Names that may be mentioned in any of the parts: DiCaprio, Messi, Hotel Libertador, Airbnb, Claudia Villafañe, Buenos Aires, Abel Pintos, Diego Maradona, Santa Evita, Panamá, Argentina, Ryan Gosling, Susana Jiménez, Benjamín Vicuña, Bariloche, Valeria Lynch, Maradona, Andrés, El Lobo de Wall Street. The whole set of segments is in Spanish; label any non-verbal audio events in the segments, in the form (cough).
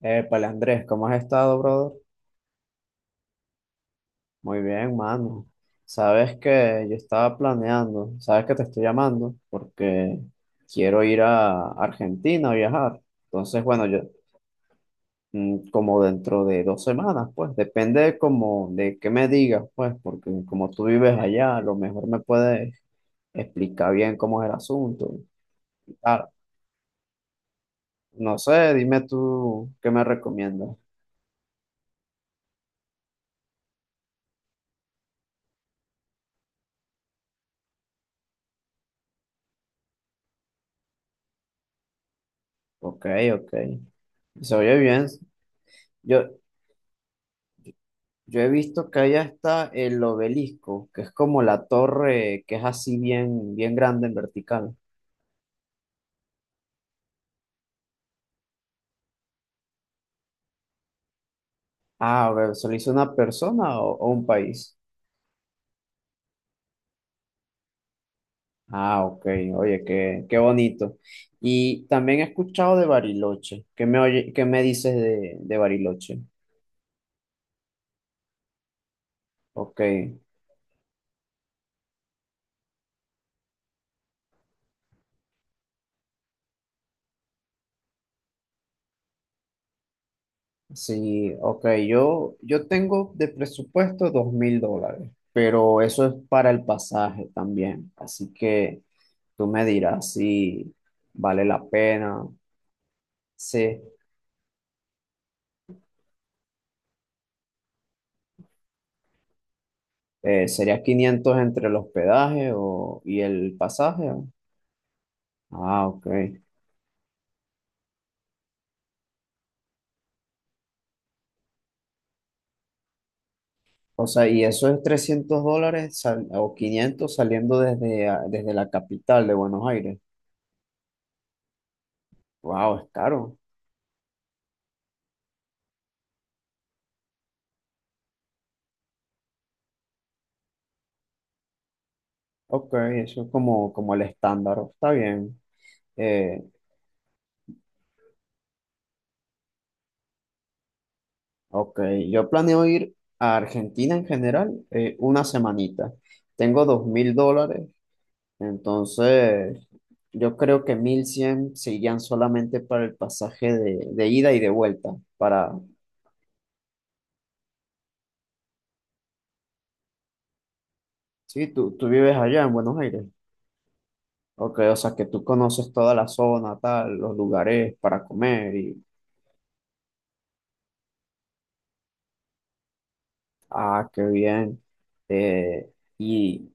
Épale, Andrés, ¿cómo has estado, brother? Muy bien, mano. Sabes que yo estaba planeando, sabes que te estoy llamando porque quiero ir a Argentina a viajar. Entonces, bueno, yo como dentro de 2 semanas, pues, depende como de qué me digas, pues, porque como tú vives allá, a lo mejor me puedes explicar bien cómo es el asunto. ah no sé, dime tú qué me recomiendas. Ok, ok. Se oye bien. Yo, Yo he visto que allá está el obelisco, que es como la torre que es así bien, bien grande en vertical. Ah, a ver, ¿se lo hizo una persona o un país? Ah, ok, oye, qué bonito. Y también he escuchado de Bariloche. ¿Qué me dices de Bariloche? Ok, sí, ok, yo tengo de presupuesto $2,000, pero eso es para el pasaje también. Así que tú me dirás si vale la pena. Sí, sería 500 entre el hospedaje o, y el pasaje. Ah, ok. O sea, y eso es $300 o 500 saliendo desde la capital de Buenos Aires. Wow, es caro. Ok, eso es como el estándar. Está bien. Eh, ok, yo planeo ir a Argentina en general una semanita. Tengo $2,000. Entonces, yo creo que 1,100 serían solamente para el pasaje de ida y de vuelta. Para, sí, tú vives allá en Buenos Aires. Ok, o sea que tú conoces toda la zona, tal, los lugares para comer y, qué bien. Eh, y,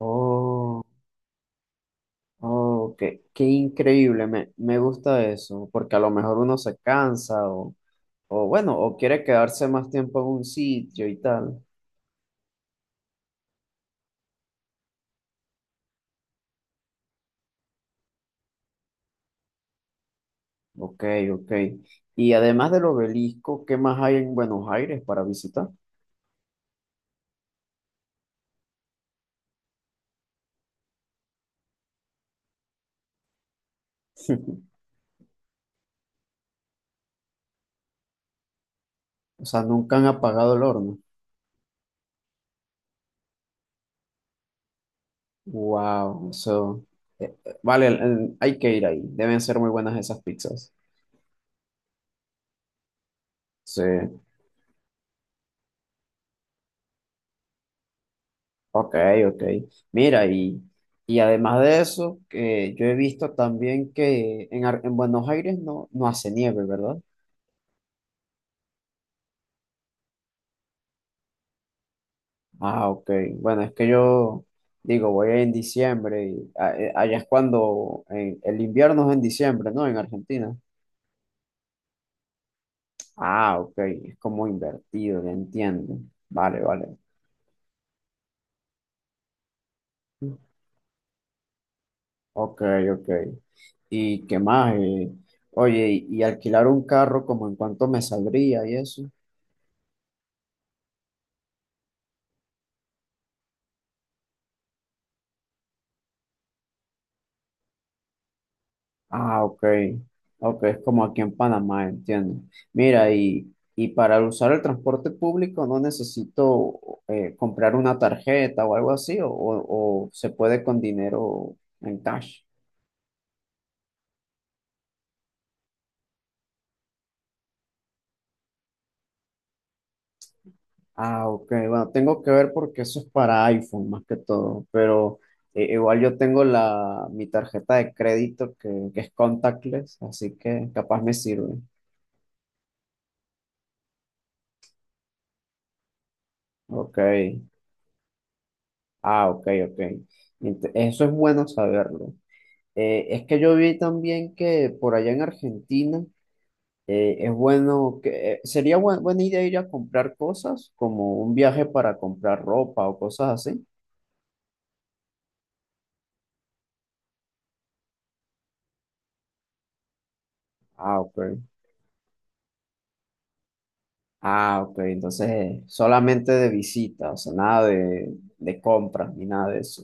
oh, oh, qué increíble, me gusta eso, porque a lo mejor uno se cansa o bueno, o quiere quedarse más tiempo en un sitio y tal. Ok, ok. Y además del obelisco, ¿qué más hay en Buenos Aires para visitar? (laughs) O sea, nunca han apagado el horno. Wow, eso. Vale, hay que ir ahí. Deben ser muy buenas esas pizzas. Sí, ok, ok. Mira, y además de eso, que yo he visto también que en Buenos Aires no hace nieve, ¿verdad? Ah, ok. Bueno, es que yo digo, voy en diciembre y allá es cuando el invierno es en diciembre, ¿no? En Argentina. Ah, ok. Es como invertido, ya entiendo. Vale, vale. Ok, ok. ¿Y qué más? Oye, y alquilar un carro, ¿como en cuánto me saldría y eso? Ah, ok. Ok, es como aquí en Panamá, entiendo. Mira, y para usar el transporte público no necesito comprar una tarjeta o algo así, o se puede con dinero en cash. Ah, ok. Bueno, tengo que ver porque eso es para iPhone más que todo, pero igual yo tengo mi tarjeta de crédito que es contactless, así que capaz me sirve. Ok. Ah, ok, ok. Eso es bueno saberlo. Es que yo vi también que por allá en Argentina es bueno que sería buena idea ir a comprar cosas, como un viaje para comprar ropa o cosas así. Ah, ok. Ah, ok. Entonces, solamente de visita, o sea, nada de compras ni nada de eso.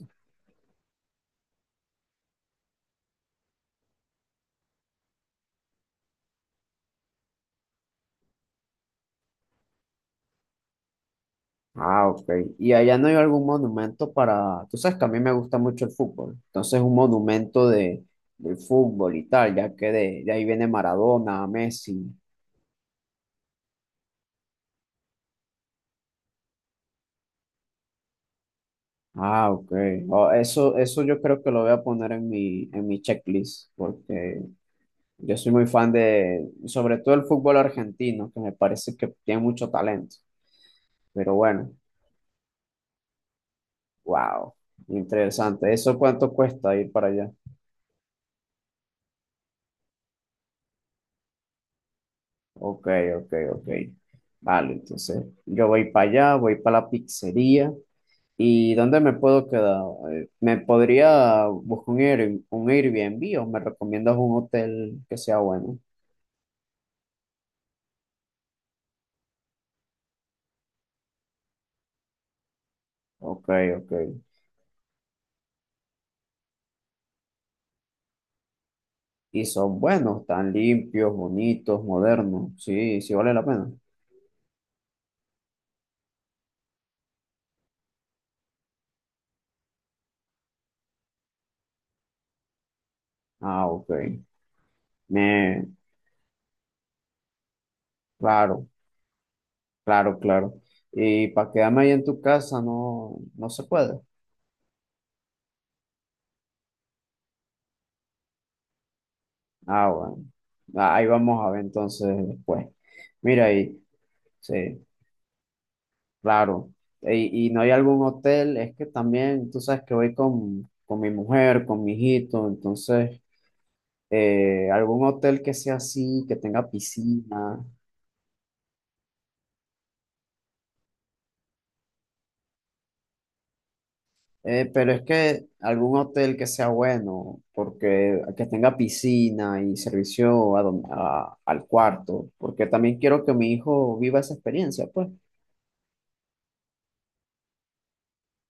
Ah, ok. Y allá no hay algún monumento para. Tú sabes que a mí me gusta mucho el fútbol. Entonces, un monumento del fútbol y tal, ya que de ahí viene Maradona, Messi. Ah, ok. Oh, eso yo creo que lo voy a poner en mi checklist, porque yo soy muy fan de, sobre todo el fútbol argentino, que me parece que tiene mucho talento. Pero bueno, wow, interesante. ¿Eso cuánto cuesta ir para allá? Ok, ok, ok. Vale, entonces yo voy para allá, voy para la pizzería. ¿Y dónde me puedo quedar? ¿Me podría buscar un Airbnb o me recomiendas un hotel que sea bueno? Ok, ok. Y son buenos, tan limpios, bonitos, modernos. Sí, sí vale la pena. Ah, ok. Me, claro, claro, claro. Y para quedarme ahí en tu casa no se puede. Ah, bueno. Ah, ahí vamos a ver entonces después. Mira ahí, sí, claro. Y no hay algún hotel, es que también, tú sabes que voy con mi mujer, con mi hijito, entonces, algún hotel que sea así, que tenga piscina. Pero es que algún hotel que sea bueno, porque que tenga piscina y servicio al cuarto, porque también quiero que mi hijo viva esa experiencia, pues.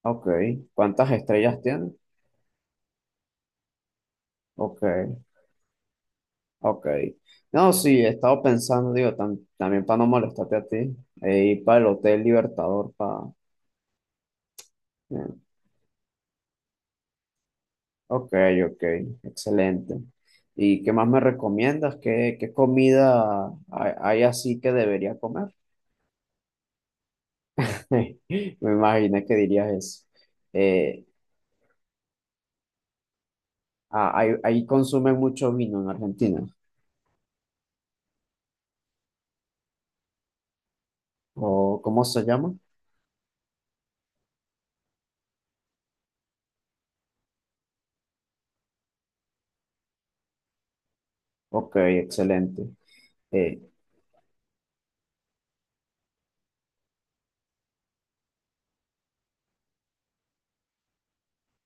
Ok, ¿cuántas estrellas tiene? Ok, ok. No, sí, he estado pensando, digo, también para no molestarte a ti, ir para el Hotel Libertador, Ok, ok, excelente. ¿Y qué más me recomiendas? ¿Qué comida hay así que debería comer? (laughs) Me imaginé que dirías eso. Eh, ahí consumen mucho vino en Argentina. ¿O cómo se llama? Ok, excelente. Eh,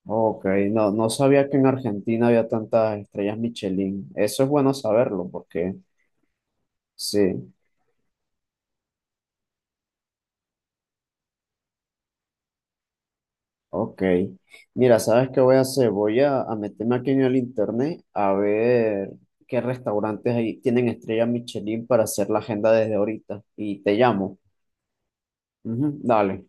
ok, no sabía que en Argentina había tantas estrellas Michelin. Eso es bueno saberlo porque sí, ok. Mira, ¿sabes qué voy a hacer? Voy a meterme aquí en el internet a ver qué restaurantes ahí tienen estrellas Michelin para hacer la agenda desde ahorita. Y te llamo. Ujú, dale.